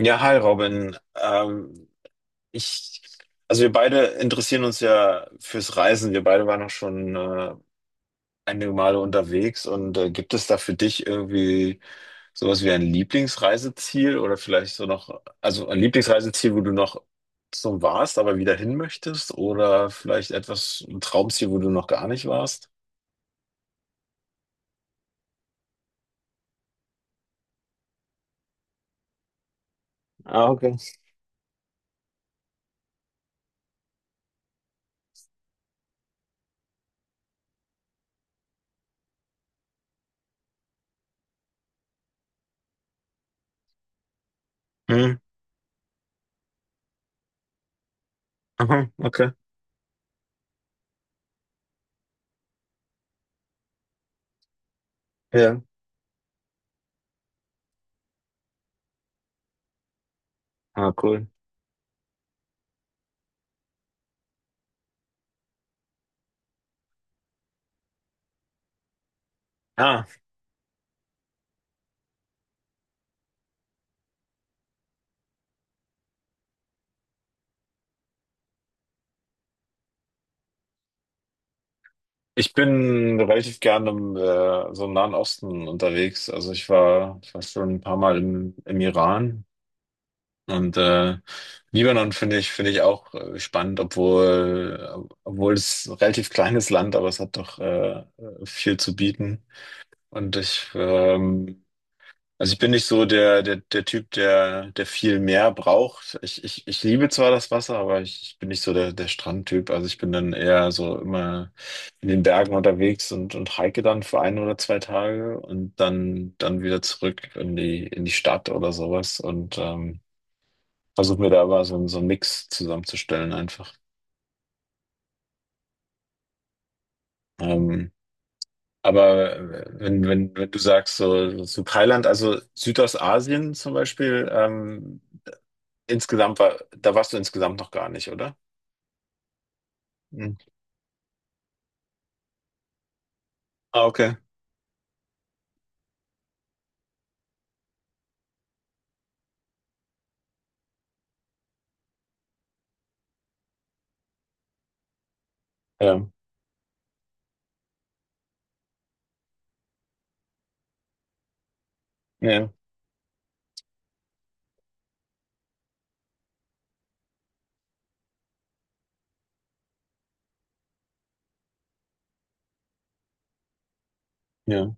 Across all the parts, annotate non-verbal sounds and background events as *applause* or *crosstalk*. Ja, hi Robin. Ich, also wir beide interessieren uns ja fürs Reisen. Wir beide waren auch schon einige Male unterwegs. Und gibt es da für dich irgendwie sowas wie ein Lieblingsreiseziel oder vielleicht so noch, also ein Lieblingsreiseziel, wo du noch so warst, aber wieder hin möchtest? Oder vielleicht etwas, ein Traumziel, wo du noch gar nicht warst? Ah, okay. Hm. Aha, okay. Ja. Ah, cool. Ah. Ich bin relativ gerne im so im Nahen Osten unterwegs. Also ich war schon ein paar Mal im Iran und Libanon finde ich auch spannend, obwohl es ein relativ kleines Land, aber es hat doch viel zu bieten. Und ich, also ich bin nicht so der Typ, der viel mehr braucht. Ich liebe zwar das Wasser, aber ich bin nicht so der Strandtyp. Also ich bin dann eher so immer in den Bergen unterwegs und hike dann für 1 oder 2 Tage und dann wieder zurück in die Stadt oder sowas und versuche mir da aber so, so einen Mix zusammenzustellen einfach. Ähm, aber wenn du sagst, so Thailand, also Südostasien zum Beispiel, da warst du insgesamt noch gar nicht, oder? Hm. Ah, okay. Ja, ja, ja.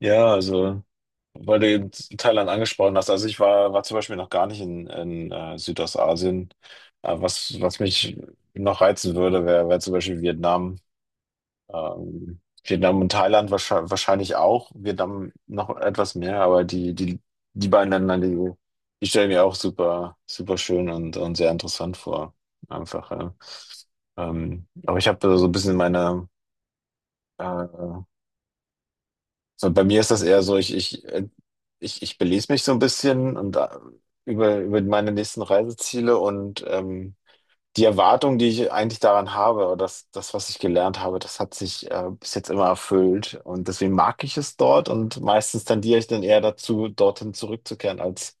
Ja, also, weil du eben Thailand angesprochen hast. Also ich war zum Beispiel noch gar nicht in Südostasien. Was mich noch reizen würde, wäre wär wär zum Beispiel Vietnam. Ähm, Vietnam und Thailand wahrscheinlich auch. Vietnam noch etwas mehr, aber die beiden Länder, die stellen mir auch super, super schön und sehr interessant vor. Einfach. Ja. Aber ich habe so ein bisschen meine, äh, so bei mir ist das eher so, ich belese mich so ein bisschen und über meine nächsten Reiseziele und die Erwartung, die ich eigentlich daran habe, oder was ich gelernt habe, das hat sich bis jetzt immer erfüllt. Und deswegen mag ich es dort und meistens tendiere ich dann eher dazu, dorthin zurückzukehren, als,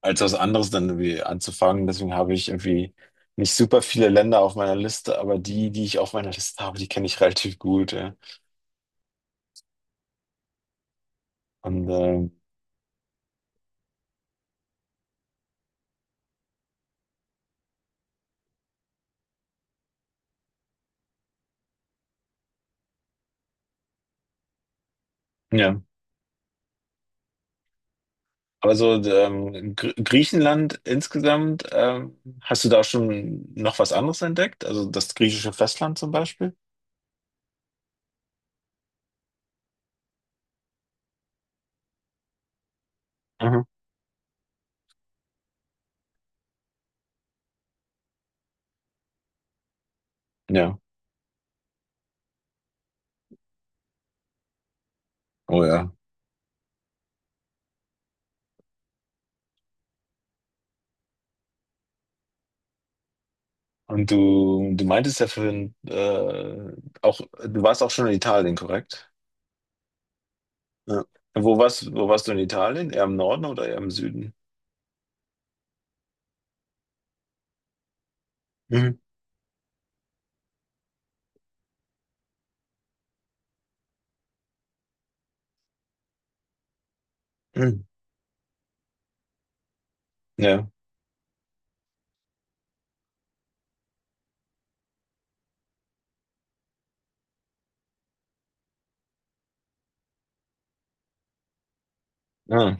als was anderes dann irgendwie anzufangen. Deswegen habe ich irgendwie nicht super viele Länder auf meiner Liste, aber die, die ich auf meiner Liste habe, die kenne ich *laughs* relativ gut. Ja. Und ja. Aber so Gr Griechenland insgesamt, hast du da schon noch was anderes entdeckt? Also das griechische Festland zum Beispiel? Mhm. Ja. Oh ja. Und du meintest ja vorhin, auch, du warst auch schon in Italien, korrekt? Ja. Wo warst du in Italien? Eher im Norden oder eher im Süden? Mhm. Mhm. Ja, ah,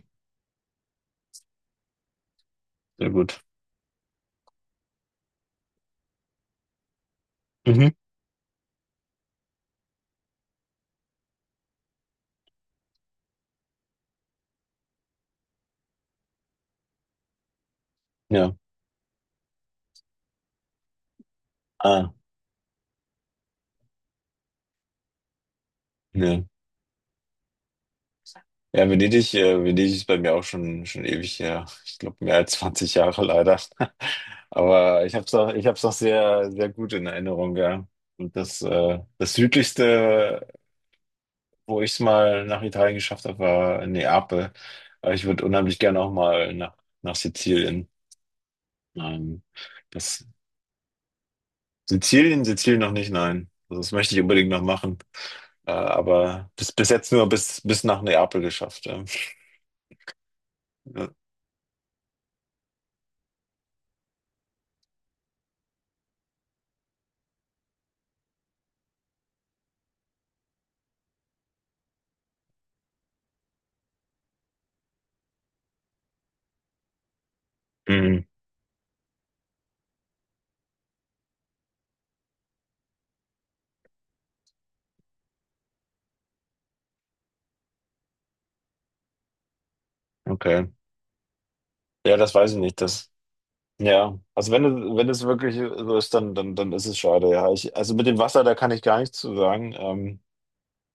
sehr gut. Mhm. Ja, ah, ja. Ja, Venedig ist bei mir auch schon, schon ewig her. Ich glaube, mehr als 20 Jahre leider. *laughs* Aber ich hab's noch sehr, sehr gut in Erinnerung, ja. Und das südlichste, wo ich es mal nach Italien geschafft habe, war Neapel. Aber ich würde unheimlich gerne auch mal nach Sizilien. Ähm, das, Sizilien noch nicht, nein. Also das möchte ich unbedingt noch machen. Aber bis jetzt nur bis nach Neapel geschafft. Ja. Ja. Mhm, okay. Ja, das weiß ich nicht. Ja, also wenn es wirklich so ist, dann ist es schade. Ja, also mit dem Wasser, da kann ich gar nichts zu sagen.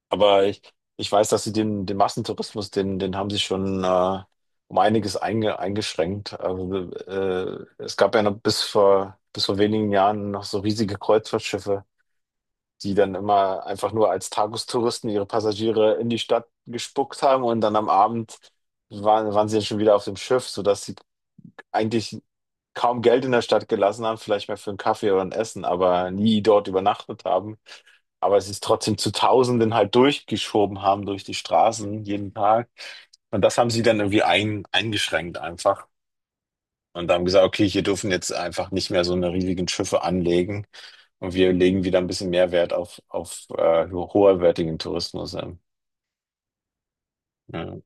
Aber ich weiß, dass sie den Massentourismus, den haben sie schon um einiges eingeschränkt. Also, es gab ja noch bis vor wenigen Jahren noch so riesige Kreuzfahrtschiffe, die dann immer einfach nur als Tagestouristen ihre Passagiere in die Stadt gespuckt haben und dann am Abend waren sie dann schon wieder auf dem Schiff, sodass die eigentlich kaum Geld in der Stadt gelassen haben, vielleicht mehr für einen Kaffee oder ein Essen, aber nie dort übernachtet haben. Aber es ist trotzdem zu Tausenden halt durchgeschoben haben durch die Straßen jeden Tag. Und das haben sie dann irgendwie eingeschränkt einfach. Und haben gesagt, okay, hier dürfen jetzt einfach nicht mehr so eine riesigen Schiffe anlegen. Und wir legen wieder ein bisschen mehr Wert auf hoherwertigen Tourismus. Ja.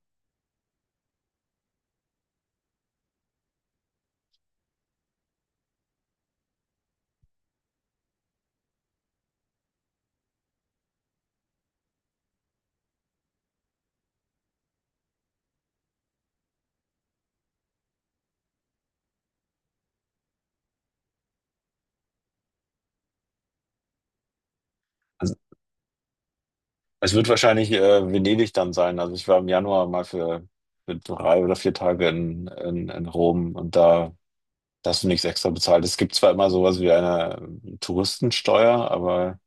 Also es wird wahrscheinlich Venedig dann sein. Also ich war im Januar mal für 3 oder 4 Tage in Rom und da hast du nichts extra bezahlt. Es gibt zwar immer sowas wie eine Touristensteuer, aber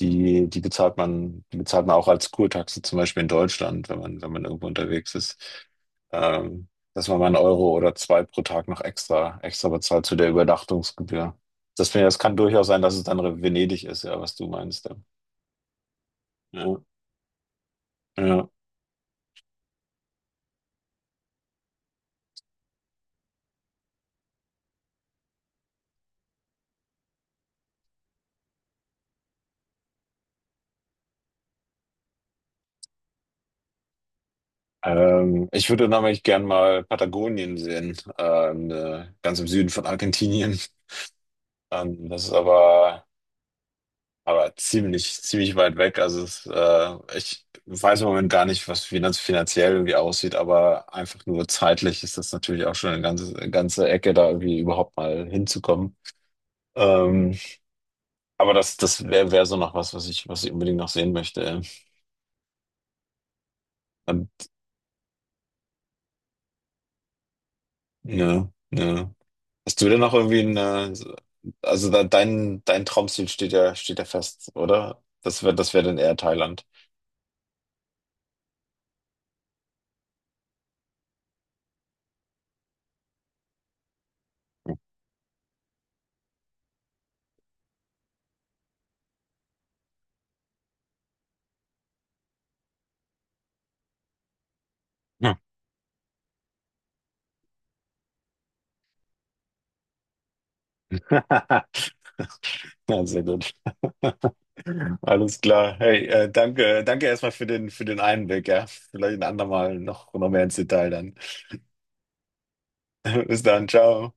die bezahlt man, auch als Kurtaxe, zum Beispiel in Deutschland, wenn man irgendwo unterwegs ist. Ähm, dass man mal einen Euro oder zwei pro Tag noch extra bezahlt zu der Übernachtungsgebühr. Das, finde ich, das kann durchaus sein, dass es dann Venedig ist, ja, was du meinst. Ja. Ja. Ja. Ich würde nämlich gern mal Patagonien sehen, ganz im Süden von Argentinien. Das ist aber ziemlich, ziemlich weit weg. Also ich weiß im Moment gar nicht, was finanziell irgendwie aussieht, aber einfach nur zeitlich ist das natürlich auch schon eine ganze, ganze Ecke, da irgendwie überhaupt mal hinzukommen. Ähm, aber das wäre wär wär so noch was, was ich unbedingt noch sehen möchte. Ähm, ne, ne. Hast du denn noch irgendwie also da, dein Traumziel steht ja fest, oder? Das wäre dann eher Thailand. Ja. *laughs* Ja, sehr gut. *laughs* Alles klar. Hey, danke erstmal für den Einblick, ja. Vielleicht ein andermal noch mehr ins Detail dann. *laughs* Bis dann, ciao.